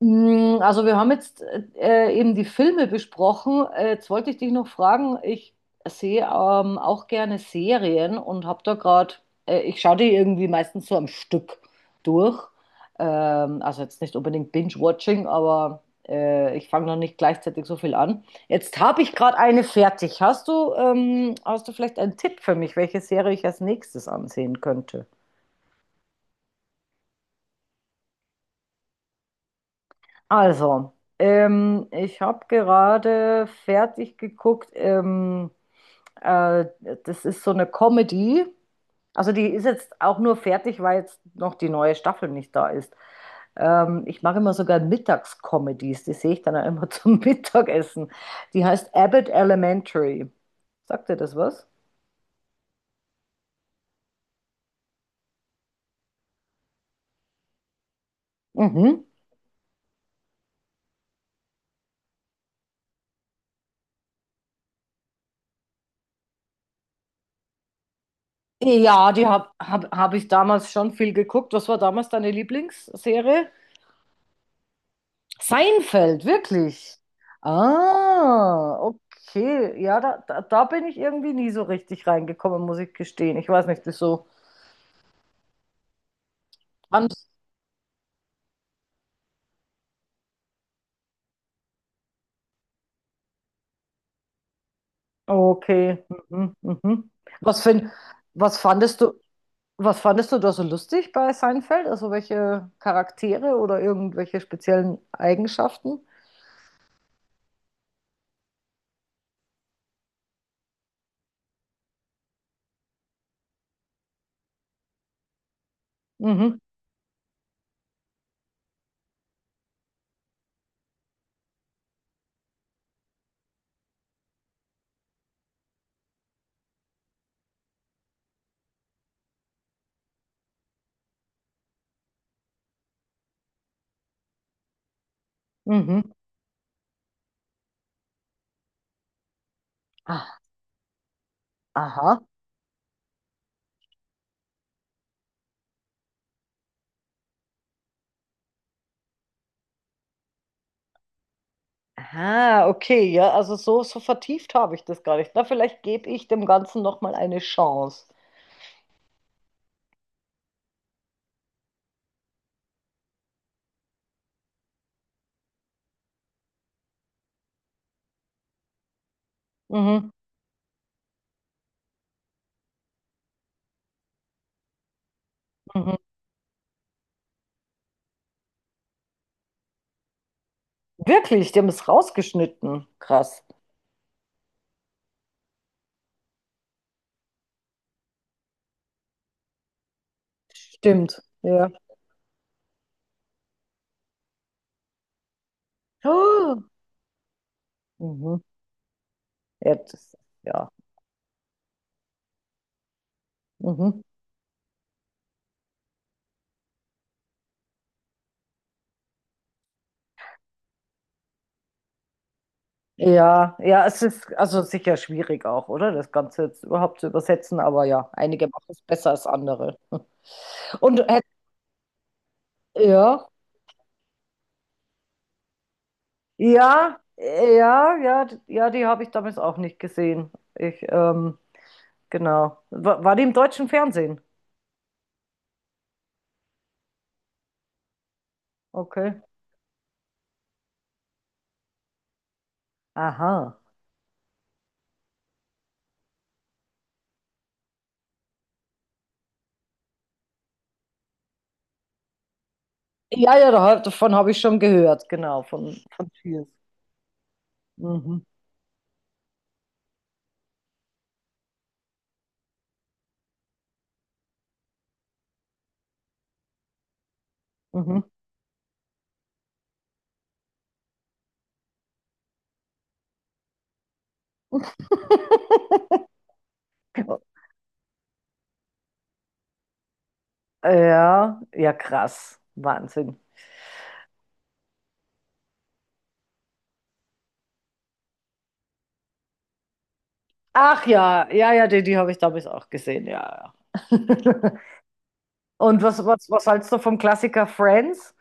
Also wir haben jetzt eben die Filme besprochen. Jetzt wollte ich dich noch fragen, ich sehe auch gerne Serien und habe da gerade, ich schaue die irgendwie meistens so am Stück durch. Also jetzt nicht unbedingt Binge-Watching, aber ich fange noch nicht gleichzeitig so viel an. Jetzt habe ich gerade eine fertig. Hast du vielleicht einen Tipp für mich, welche Serie ich als nächstes ansehen könnte? Also, ich habe gerade fertig geguckt. Äh, das ist so eine Comedy. Also die ist jetzt auch nur fertig, weil jetzt noch die neue Staffel nicht da ist. Ich mache immer sogar Mittagscomedies. Die sehe ich dann auch immer zum Mittagessen. Die heißt Abbott Elementary. Sagt dir das was? Mhm. Ja, die habe hab, hab hab ich damals schon viel geguckt. Was war damals deine Lieblingsserie? Seinfeld, wirklich. Ah, okay. Ja, da bin ich irgendwie nie so richtig reingekommen, muss ich gestehen. Ich weiß nicht, wieso. Fand- Okay. Mhm, mhm. Was find, was fandest du, was fandest du da so lustig bei Seinfeld? Also welche Charaktere oder irgendwelche speziellen Eigenschaften? Mhm, mhm. Ah, aha. Ah, okay, ja, also so vertieft habe ich das gar nicht. Na, vielleicht gebe ich dem Ganzen noch mal eine Chance. Mhm. Mhm. Wirklich, die haben es rausgeschnitten. Krass. Stimmt, ja. Ah, Mhm. Ja, das, ja. Mhm. Ja, ja, es ist also sicher schwierig auch, oder? Das Ganze jetzt überhaupt zu übersetzen, aber ja, einige machen es besser als andere. Und hätt- ja, ja, ja, ja, ja, die habe ich damals auch nicht gesehen. Genau. War die im deutschen Fernsehen? Okay. Aha. Ja, ja, davon habe ich schon gehört, genau, von Cheers. Mhm. Mhm. Ja, ja, krass. Wahnsinn. Ach ja, ja, ja, die habe ich damals auch gesehen, ja, ja. Und was hältst du vom Klassiker Friends?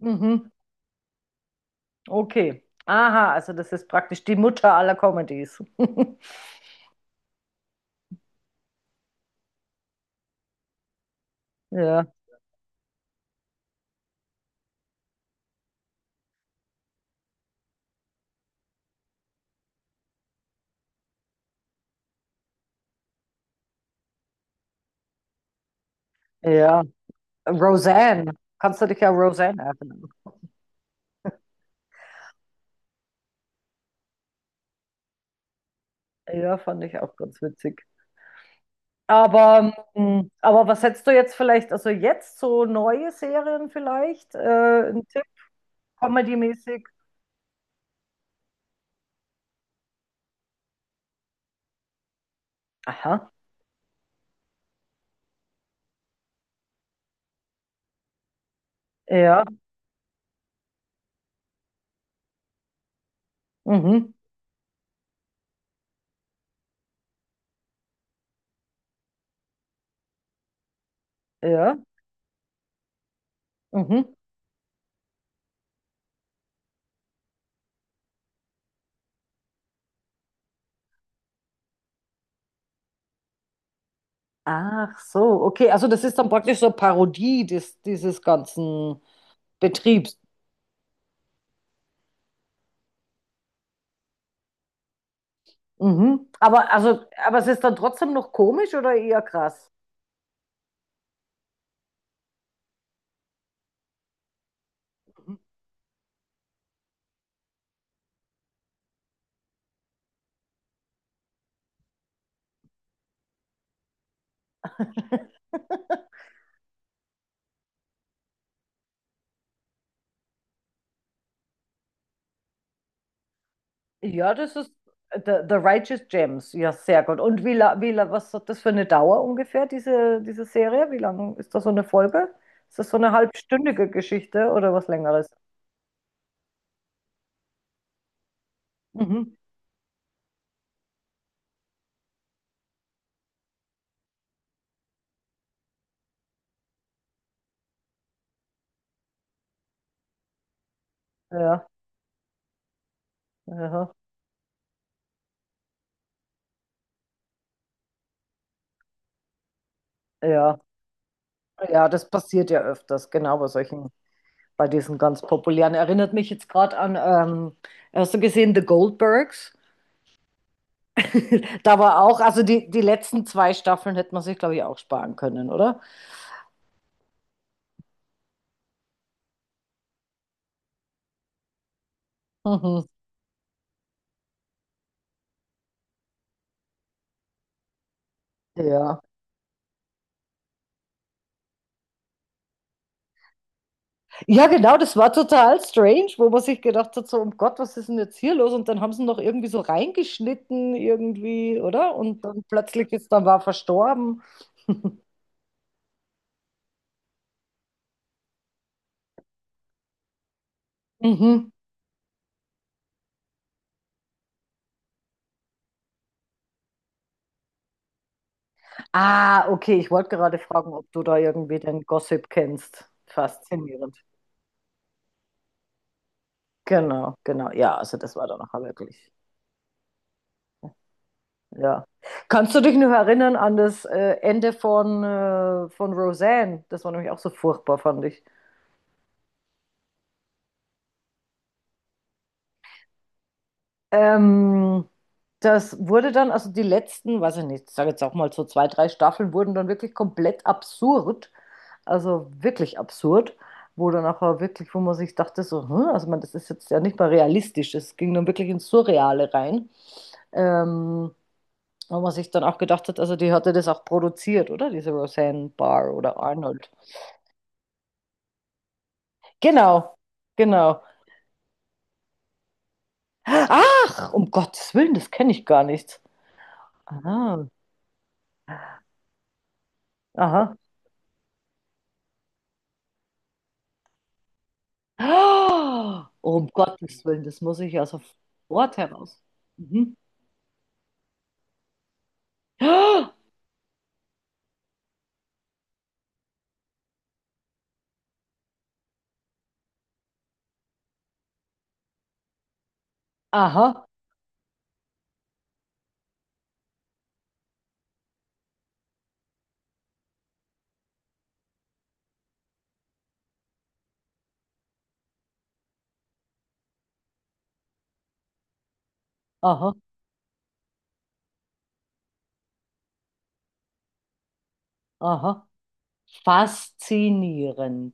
Mhm. Okay. Aha, also das ist praktisch die Mutter aller Comedies. Ja, ja. Roseanne. Kannst du dich ja Roseanne erinnern? Ja, fand ich auch ganz witzig. Aber was hättest du jetzt vielleicht, also jetzt so neue Serien vielleicht? Ein Tipp, Comedy-mäßig? Aha, ja, mhm, ja, mhm. Ach so, okay, also das ist dann praktisch so Parodie dieses ganzen Betriebs. Mhm. Aber, also, es ist dann trotzdem noch komisch oder eher krass? Ja, das ist The Righteous Gems. Ja, sehr gut. Und was hat das für eine Dauer ungefähr, diese Serie? Wie lang ist das so eine Folge? Ist das so eine halbstündige Geschichte oder was Längeres? Mhm. Ja, ja, ja. Ja, das passiert ja öfters, genau bei solchen, bei diesen ganz populären. Erinnert mich jetzt gerade an, hast du gesehen, The Goldbergs? Da war auch, also die letzten zwei Staffeln hätte man sich, glaube ich, auch sparen können, oder? Mhm. Ja. Ja, genau, das war total strange, wo man sich gedacht hat, so, um Gott, was ist denn jetzt hier los? Und dann haben sie noch irgendwie so reingeschnitten, irgendwie, oder? Und dann plötzlich ist dann war verstorben. Mhm. Ah, okay, ich wollte gerade fragen, ob du da irgendwie den Gossip kennst. Faszinierend. Genau, genau. Ja, also das war dann nachher wirklich. Ja. Kannst du dich noch erinnern an das Ende von Roseanne? Das war nämlich auch so furchtbar, fand ich. Ähm, das wurde dann, also die letzten, weiß ich nicht, ich sage jetzt auch mal so zwei, drei Staffeln, wurden dann wirklich komplett absurd. Also wirklich absurd. Wo dann nachher wirklich, wo man sich dachte, so, also man, das ist jetzt ja nicht mal realistisch. Es ging dann wirklich ins Surreale rein. Ähm, wo man sich dann auch gedacht hat, also die hatte das auch produziert, oder? Diese Roseanne Barr oder Arnold. Genau, genau. Ach, um Gottes Willen, das kenne ich gar nicht. Aha, aha. Oh, um Gottes Willen, das muss ich ja sofort heraus. Mhm. Aha, aha, aha. Faszinierend.